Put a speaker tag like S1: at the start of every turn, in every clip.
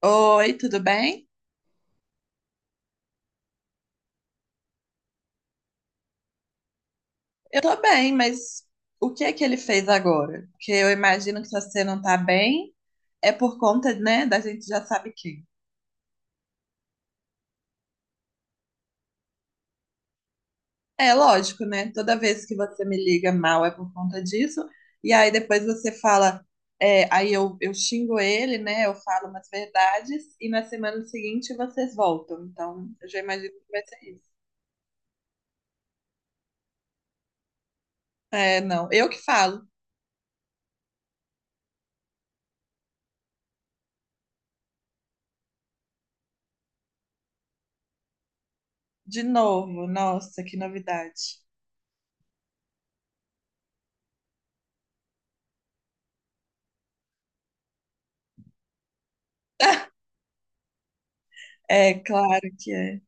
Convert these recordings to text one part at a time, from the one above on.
S1: Oi, tudo bem? Eu tô bem, mas o que é que ele fez agora? Porque eu imagino que se você não tá bem, é por conta, né, da gente já sabe quem. É lógico, né? Toda vez que você me liga mal é por conta disso, e aí depois você fala, é, aí eu xingo ele, né? Eu falo umas verdades, e na semana seguinte vocês voltam. Então, eu já imagino que vai ser isso. É, não, eu que falo, de novo, nossa, que novidade. É, claro que é.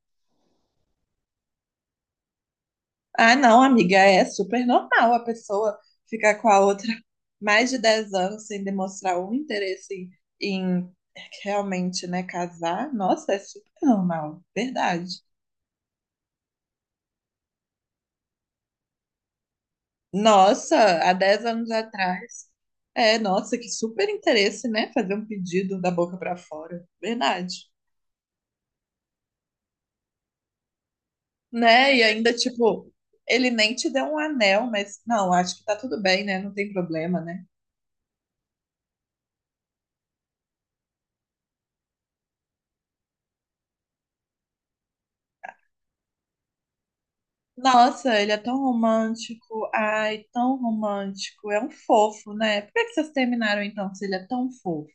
S1: Ah, não, amiga, é super normal a pessoa ficar com a outra mais de 10 anos sem demonstrar um interesse em realmente, né, casar. Nossa, é super normal, verdade. Nossa, há 10 anos atrás, é, nossa, que super interesse, né, fazer um pedido da boca pra fora, verdade. Né, e ainda, tipo, ele nem te deu um anel, mas não, acho que tá tudo bem, né, não tem problema, né. Nossa, ele é tão romântico. Ai, tão romântico. É um fofo, né? Por que que vocês terminaram então, se ele é tão fofo?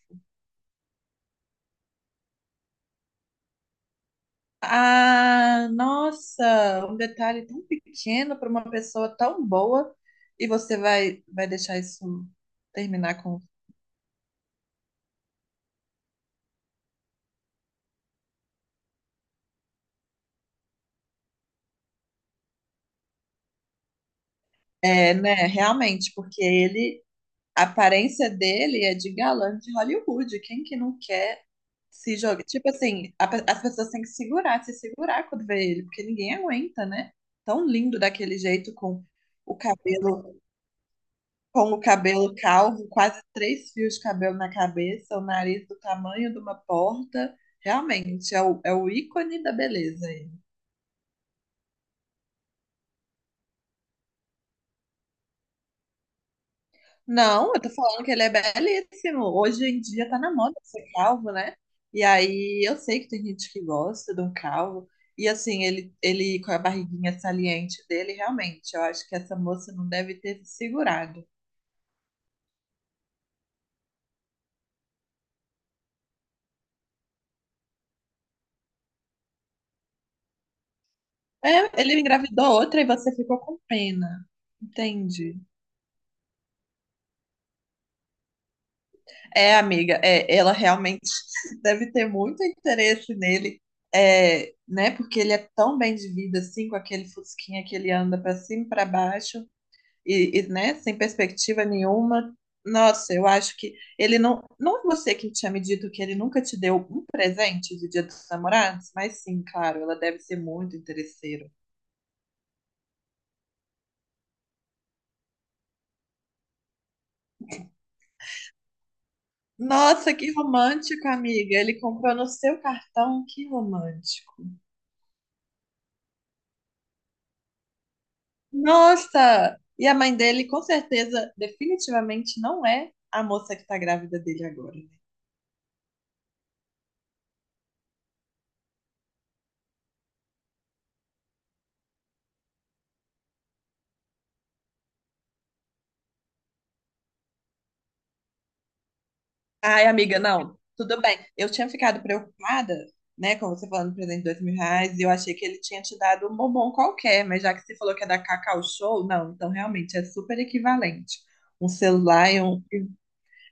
S1: Ah, nossa, um detalhe tão pequeno para uma pessoa tão boa e você vai deixar isso terminar com. É, né? Realmente, porque ele, a aparência dele é de galã de Hollywood. Quem que não quer se joga. Tipo assim, as pessoas têm que segurar, se segurar quando vê ele, porque ninguém aguenta, né? Tão lindo daquele jeito, o cabelo, com o cabelo calvo, quase 3 fios de cabelo na cabeça, o nariz do tamanho de uma porta. Realmente, é o ícone da beleza. Não, eu tô falando que ele é belíssimo. Hoje em dia tá na moda ser calvo, né? E aí eu sei que tem gente que gosta de um calvo. E assim, ele com a barriguinha saliente dele, realmente, eu acho que essa moça não deve ter se segurado. É, ele engravidou outra e você ficou com pena. Entendi. É, amiga, é, ela realmente deve ter muito interesse nele, é, né? Porque ele é tão bem de vida assim, com aquele fusquinha que ele anda pra cima e pra baixo. E, né, sem perspectiva nenhuma. Nossa, eu acho que ele não. Não é você que tinha me dito que ele nunca te deu um presente de Dia dos Namorados, mas sim, claro, ela deve ser muito interesseira. Nossa, que romântico, amiga. Ele comprou no seu cartão, que romântico. Nossa! E a mãe dele, com certeza, definitivamente não é a moça que tá grávida dele agora. Ai, amiga, não, tudo bem. Eu tinha ficado preocupada, né, com você falando do presente de 2 mil reais, e eu achei que ele tinha te dado um bombom qualquer, mas já que você falou que é da Cacau Show, não, então realmente é super equivalente. Um celular e um.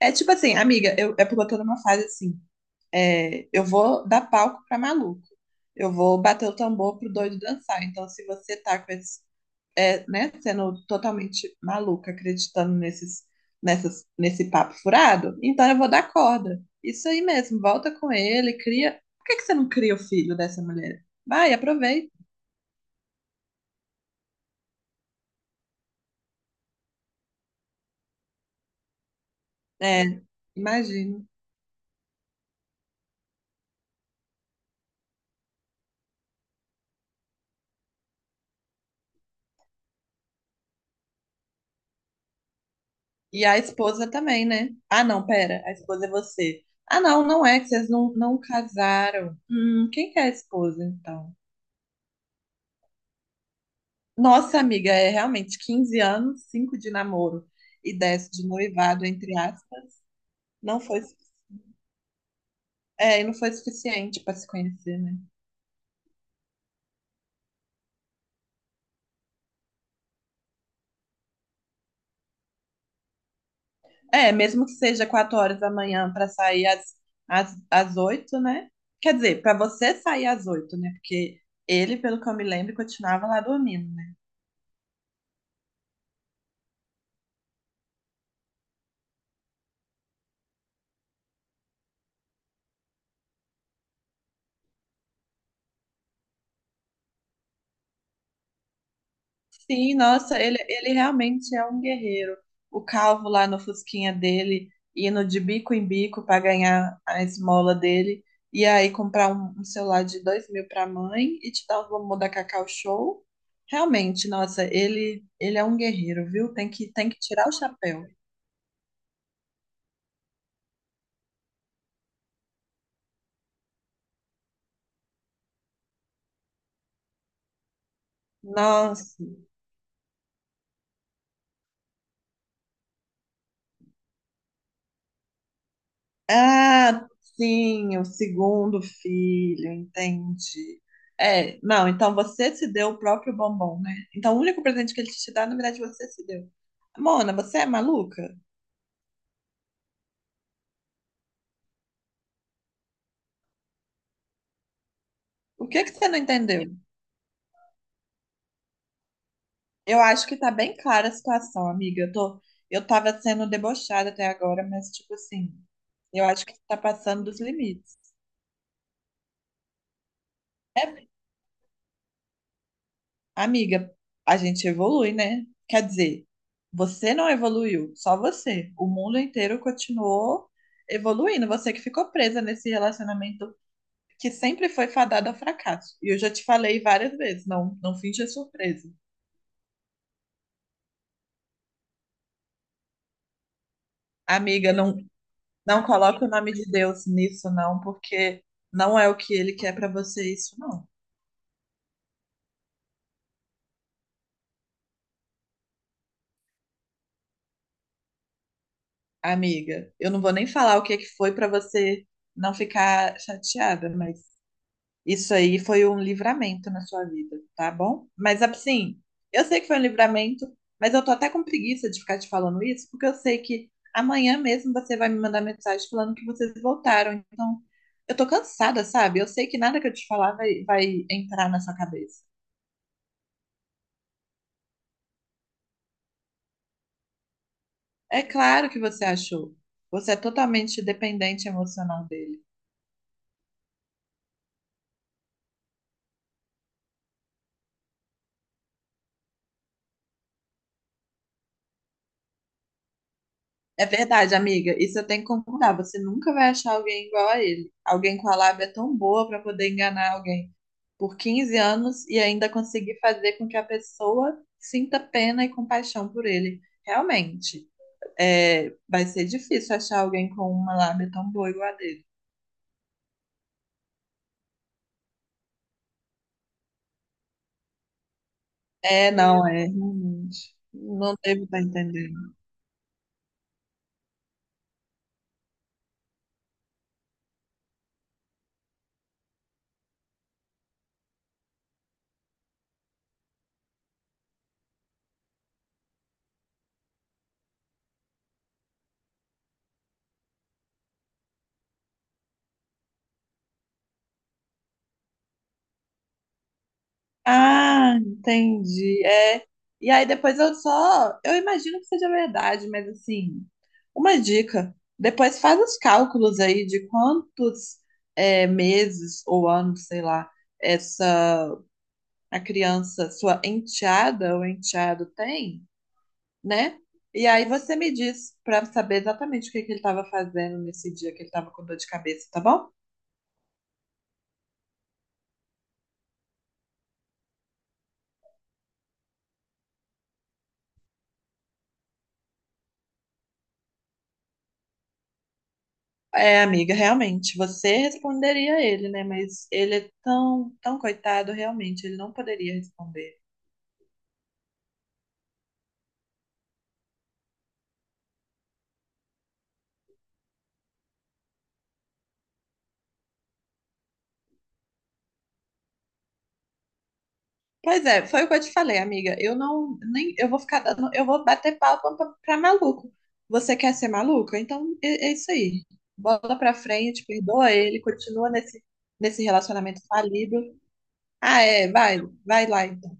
S1: É tipo assim, amiga, é porque eu tô numa fase assim, é, eu vou dar palco pra maluco, eu vou bater o tambor pro doido dançar. Então, se você tá com esse é, né, sendo totalmente maluca, acreditando nesses, nessas, nesse papo furado, então eu vou dar corda. Isso aí mesmo, volta com ele, cria. Por que que você não cria o filho dessa mulher? Vai, aproveita. É, imagino. E a esposa também, né? Ah, não, pera, a esposa é você. Ah, não, não é, que vocês não, não casaram. Quem que é a esposa, então? Nossa, amiga, é realmente 15 anos, 5 de namoro e 10 de noivado, entre aspas. Não foi. É, e não foi suficiente para se conhecer, né? É, mesmo que seja 4 horas da manhã para sair às 8, né? Quer dizer, para você sair às 8, né? Porque ele, pelo que eu me lembro, continuava lá dormindo. Sim, nossa, ele realmente é um guerreiro. O calvo lá no fusquinha dele, indo de bico em bico para ganhar a esmola dele, e aí comprar um, um celular de 2 mil para a mãe e te dar os bombom da Cacau Show. Realmente, nossa, ele é um guerreiro, viu? Tem que tirar o chapéu. Nossa. Ah, sim, o segundo filho, entendi. É, não, então você se deu o próprio bombom, né? Então o único presente que ele te dá, na verdade, você se deu. Mona, você é maluca? O que que você não entendeu? Eu acho que tá bem clara a situação, amiga. Eu tava sendo debochada até agora, mas tipo assim, eu acho que você tá passando dos limites. É. Amiga, a gente evolui, né? Quer dizer, você não evoluiu, só você. O mundo inteiro continuou evoluindo. Você que ficou presa nesse relacionamento que sempre foi fadado ao fracasso. E eu já te falei várias vezes, não, não finja surpresa. Amiga, não, não coloque o nome de Deus nisso, não, porque não é o que ele quer pra você isso, não. Amiga, eu não vou nem falar o que é que foi pra você não ficar chateada, mas isso aí foi um livramento na sua vida, tá bom? Mas assim, eu sei que foi um livramento, mas eu tô até com preguiça de ficar te falando isso, porque eu sei que amanhã mesmo você vai me mandar mensagem falando que vocês voltaram. Então, eu tô cansada, sabe? Eu sei que nada que eu te falar vai entrar na sua cabeça. É claro que você achou. Você é totalmente dependente emocional dele. É verdade, amiga. Isso eu tenho que concordar. Você nunca vai achar alguém igual a ele. Alguém com a lábia tão boa pra poder enganar alguém por 15 anos e ainda conseguir fazer com que a pessoa sinta pena e compaixão por ele. Realmente, é, vai ser difícil achar alguém com uma lábia tão boa igual a dele. É, não, é, realmente. Não devo estar entendendo. Ah, entendi. É. E aí depois eu só. Eu imagino que seja verdade, mas assim, uma dica. Depois faz os cálculos aí de quantos é, meses ou anos, sei lá, essa a criança, sua enteada ou enteado tem, né? E aí você me diz para saber exatamente o que que ele estava fazendo nesse dia que ele estava com dor de cabeça, tá bom? É, amiga, realmente, você responderia a ele, né? Mas ele é tão, tão coitado, realmente, ele não poderia responder. Pois é, foi o que eu te falei, amiga. Eu não, nem, eu vou ficar dando, eu vou bater palma pra maluco. Você quer ser maluca? Então é, é isso aí. Bola pra frente, perdoa ele, continua nesse relacionamento falido. Ah, é, vai lá então.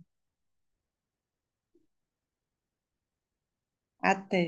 S1: Até.